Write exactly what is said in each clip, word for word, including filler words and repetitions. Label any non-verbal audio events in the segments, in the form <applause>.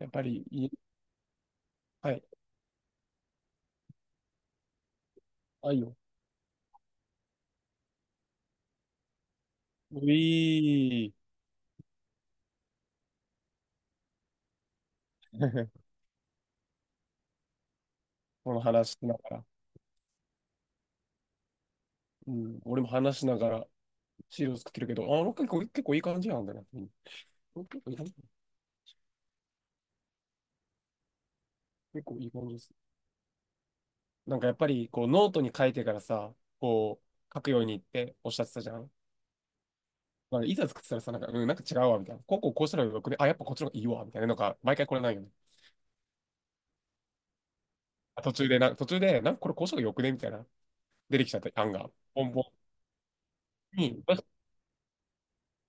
やっぱり、いはい。あいよ。ういー。<laughs> この話しながら。うん。俺も話しながら資料作ってるけど、あ、なんか結構、結構いい感じなんだな。うん。結構いい感じ結構いい感じです。なんかやっぱり、こう、ノートに書いてからさ、こう、書くようにっておっしゃってたじゃん。まあ、いざ作ってたらさ、なんか、うん、なんか違うわ、みたいな。こうこうこうしたらよくね。あ、やっぱこっちの方がいいわ、みたいな。なんか、毎回これないよね。あ途中でな、途中で、なんかこれこうしたらよくね、みたいな。出てきちゃった案が。ボンボン。に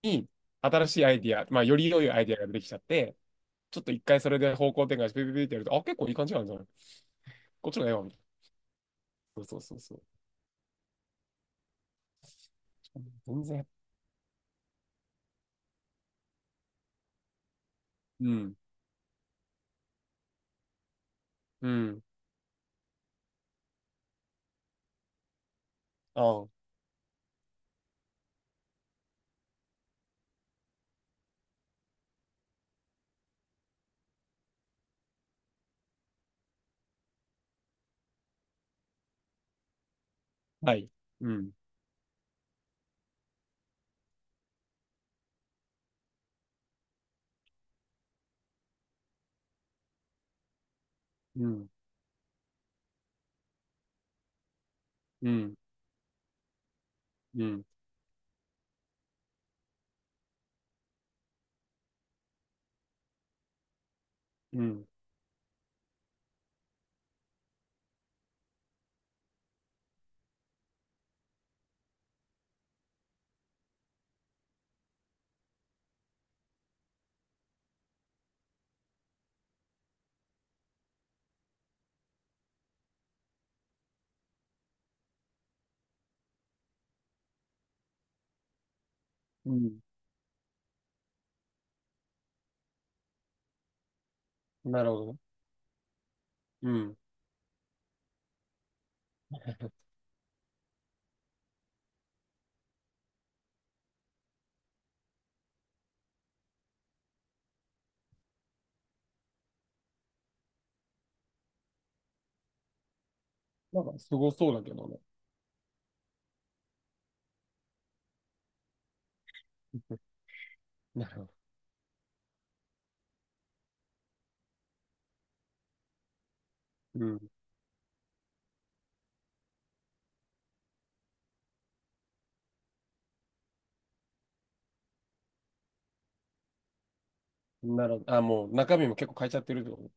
に、新しいアイディア、まあ、より良いアイディアが出てきちゃって、ちょっと一回それで方向転換して、ピピピってやると、あ、結構いい感じなんじゃない？こっちの絵はみたいな。そうそうそうそう。全然。うん、うん、ああ、はい。うん、うん、うん、うん、うん、うん。なるほどね。うん。なんか、すごそうだけどね。<laughs> なるほど。うん。なるほど。あ、もう中身も結構変えちゃってるってことね？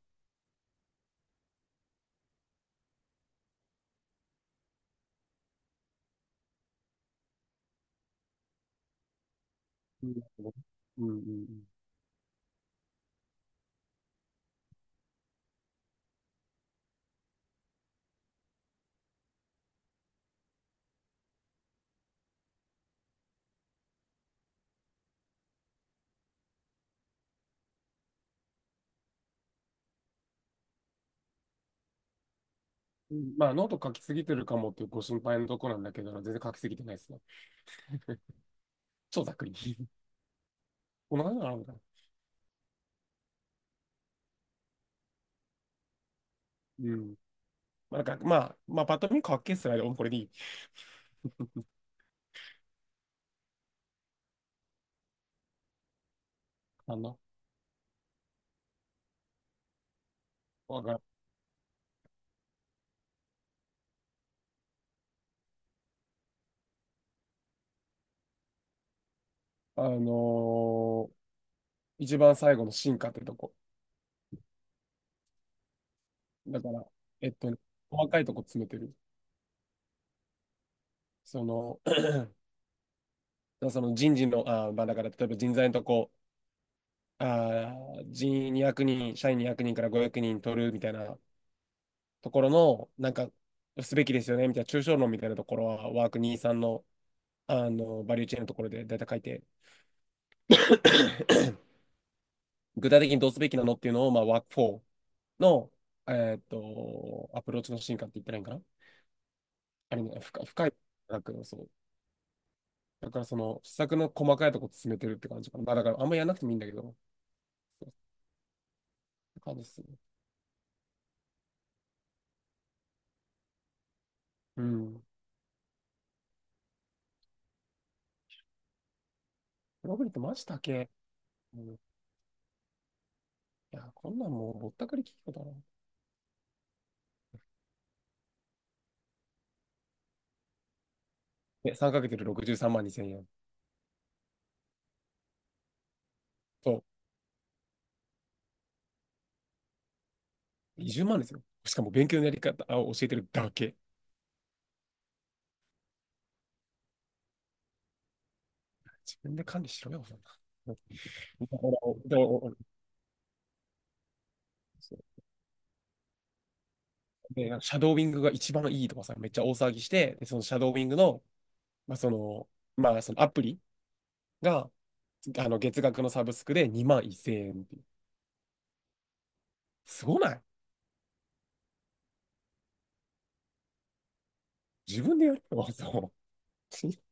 うん。なるほどね。うん、うん、うん。まあ、ノート書きすぎてるかもっていうご心配のとこなんだけど、全然書きすぎてないですね。<laughs> 超ざっくり。同じなのかな？うん。まあ、なんか、まあ、まあ、パッと見かっけえっすね。でもこれでいい。あの、わかる。あのー一番最後の進化ってとこ。だから、えっとね、細かいとこ詰めてる。その、<clears throat> その人事の、あー、まあ、だから、例えば人材のとこ、あー、人にひゃくにん、社員にひゃくにんからごひゃくにん取るみたいなところの、なんか、すべきですよね、みたいな、抽象論みたいなところは、ワークにじゅうさんの、あの、バリューチェーンのところで大体書いて、 <coughs> 具体的にどうすべきなのっていうのを、まあ、ワークよんの、えーっと、アプローチの進化って言ったらいいんかな。あれね、深い深い。だけど、そう。だから、その、施策の細かいとこ進めてるって感じかな。まあ、だから、あんまやらなくてもいいんだけど、って感じですね。うん。プログリってマジだけ。うん。いや、こんなんもうぼったくり聞くことだな。で、さんかヶ月でろくじゅうさんまんにせん円。そう。にじゅうまんですよ。しかも勉強のやり方を教えてるだけ。自分で管理しろよ。<laughs> で、なんかシャドーウィングが一番いいとかさ、めっちゃ大騒ぎして、で、そのシャドーウィングの、まあ、その、まあ、そのアプリが、あの、月額のサブスクでにまんせんえんっていう。すごない？自分でやるの？そう。<laughs>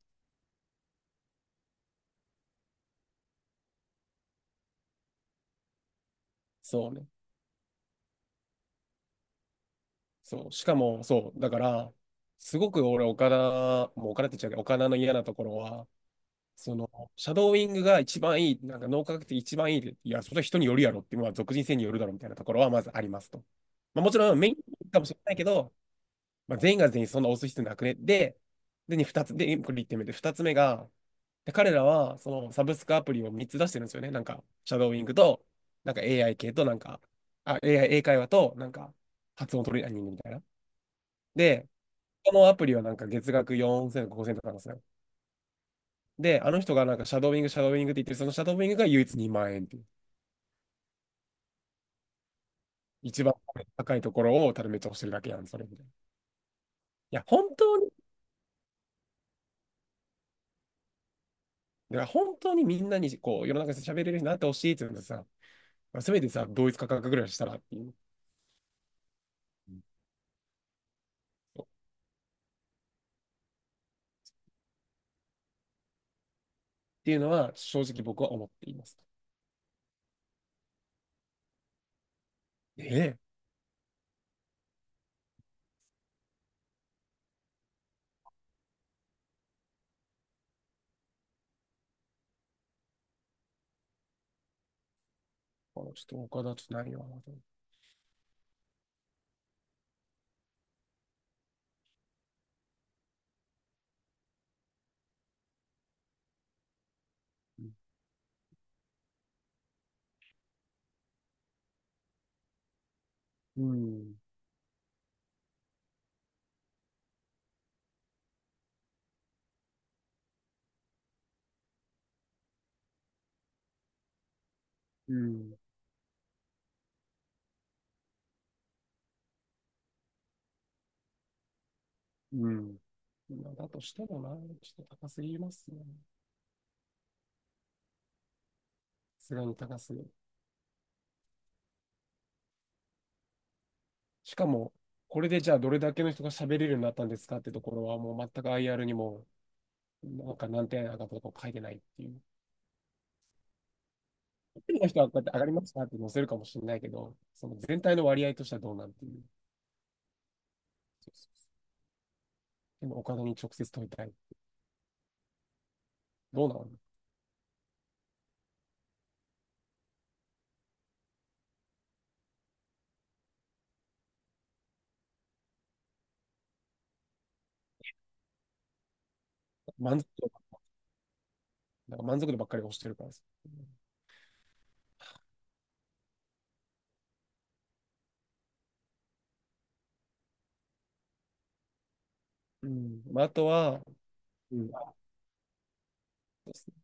そうね。そう。しかも、そう。だから、すごく俺、岡田、もう岡田って言っちゃうけど、岡田の嫌なところは、その、シャドーウィングが一番いい、なんか脳科学的一番いいって、いや、それは人によるやろって、まあ、俗人性によるだろみたいなところはまずありますと。まあ、もちろんメインかもしれないけど、まあ、全員が全員そんな押す必要なくね。で、で、に二つ、で、これいってんめで、ふたつめが、で彼らは、そのサブスクアプリをみっつ出してるんですよね。なんか、シャドーイングと、なんか エーアイ 系と、なんか、あ、エーアイ、英会話と、なんか、発音トレーニングみたいな。で、このアプリはなんか月額よんせん、ごせんとかなんですよ。で、あの人がなんかシャドーイング、シャドーイングって言ってる、そのシャドーイングが唯一にまん円っていう。一番高いところをただめっちゃ押してるだけやん、それみたいな。いや、本当に、だから本当にみんなにこう世の中で喋れるようになってほしいって言うんですさ、まあせめてさ、同一価格ぐらいしたらっていう。うん。っていうのは、正直僕は思っています。ねえー。あのちょっと他だとないよな。うん。うん。うん。だとしてもな、ちょっと高すぎますね。さすがに高すぎる。しかも、これでじゃあどれだけの人が喋れるようになったんですかってところは、もう全く アイアール にも、なんか何点上がったとか書いてないっていう。一人の人はこうやって上がりましたって載せるかもしれないけど、その全体の割合としてはどうなんていう。でもお金に直接問いたい。どうなの？満足度、なんか満足度ばっかり押してるからさ。うん。まあ、あとは、うん。そうですね。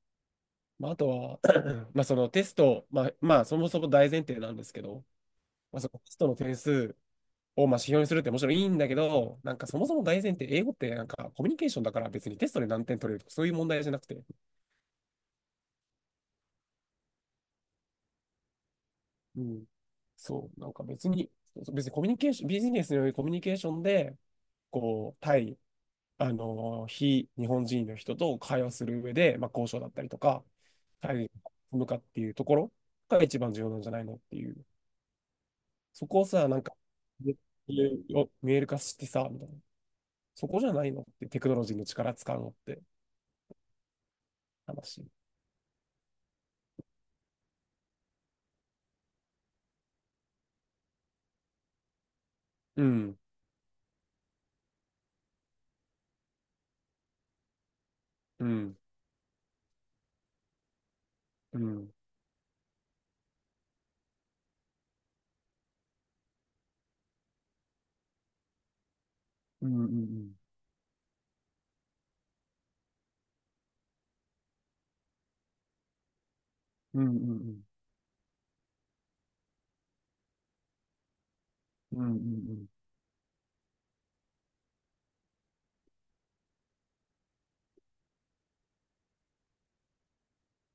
まあ、あとは、<clears throat> まあ、そのテスト、まあ、まあ、そもそも大前提なんですけど、まあ、そのテストの点数をまあ指標にするってもちろんいいんだけど、なんかそもそも大前提、英語ってなんかコミュニケーションだから別にテストで何点取れるとかそういう問題じゃなくて、うん。そう、なんか別に、別にコミュニケーション、ビジネスによるコミュニケーションで、こう、対あの、非日本人の人と会話する上で、まあ、交渉だったりとか、対立すかっていうところが一番重要なんじゃないのっていう。そこをさ、なんか、見えるよ見える化してさ、みたいな。そこじゃないのってテクノロジーの力使うのって話。うん、うん、うん、うん、うん、うん、うん、うん、うん、うん、うん。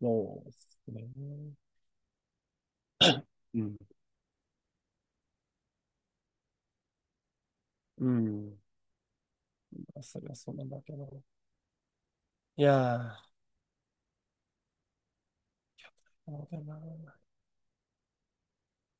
そうですね。うん、うん。それはそうなんだけど。いやー、そうだな。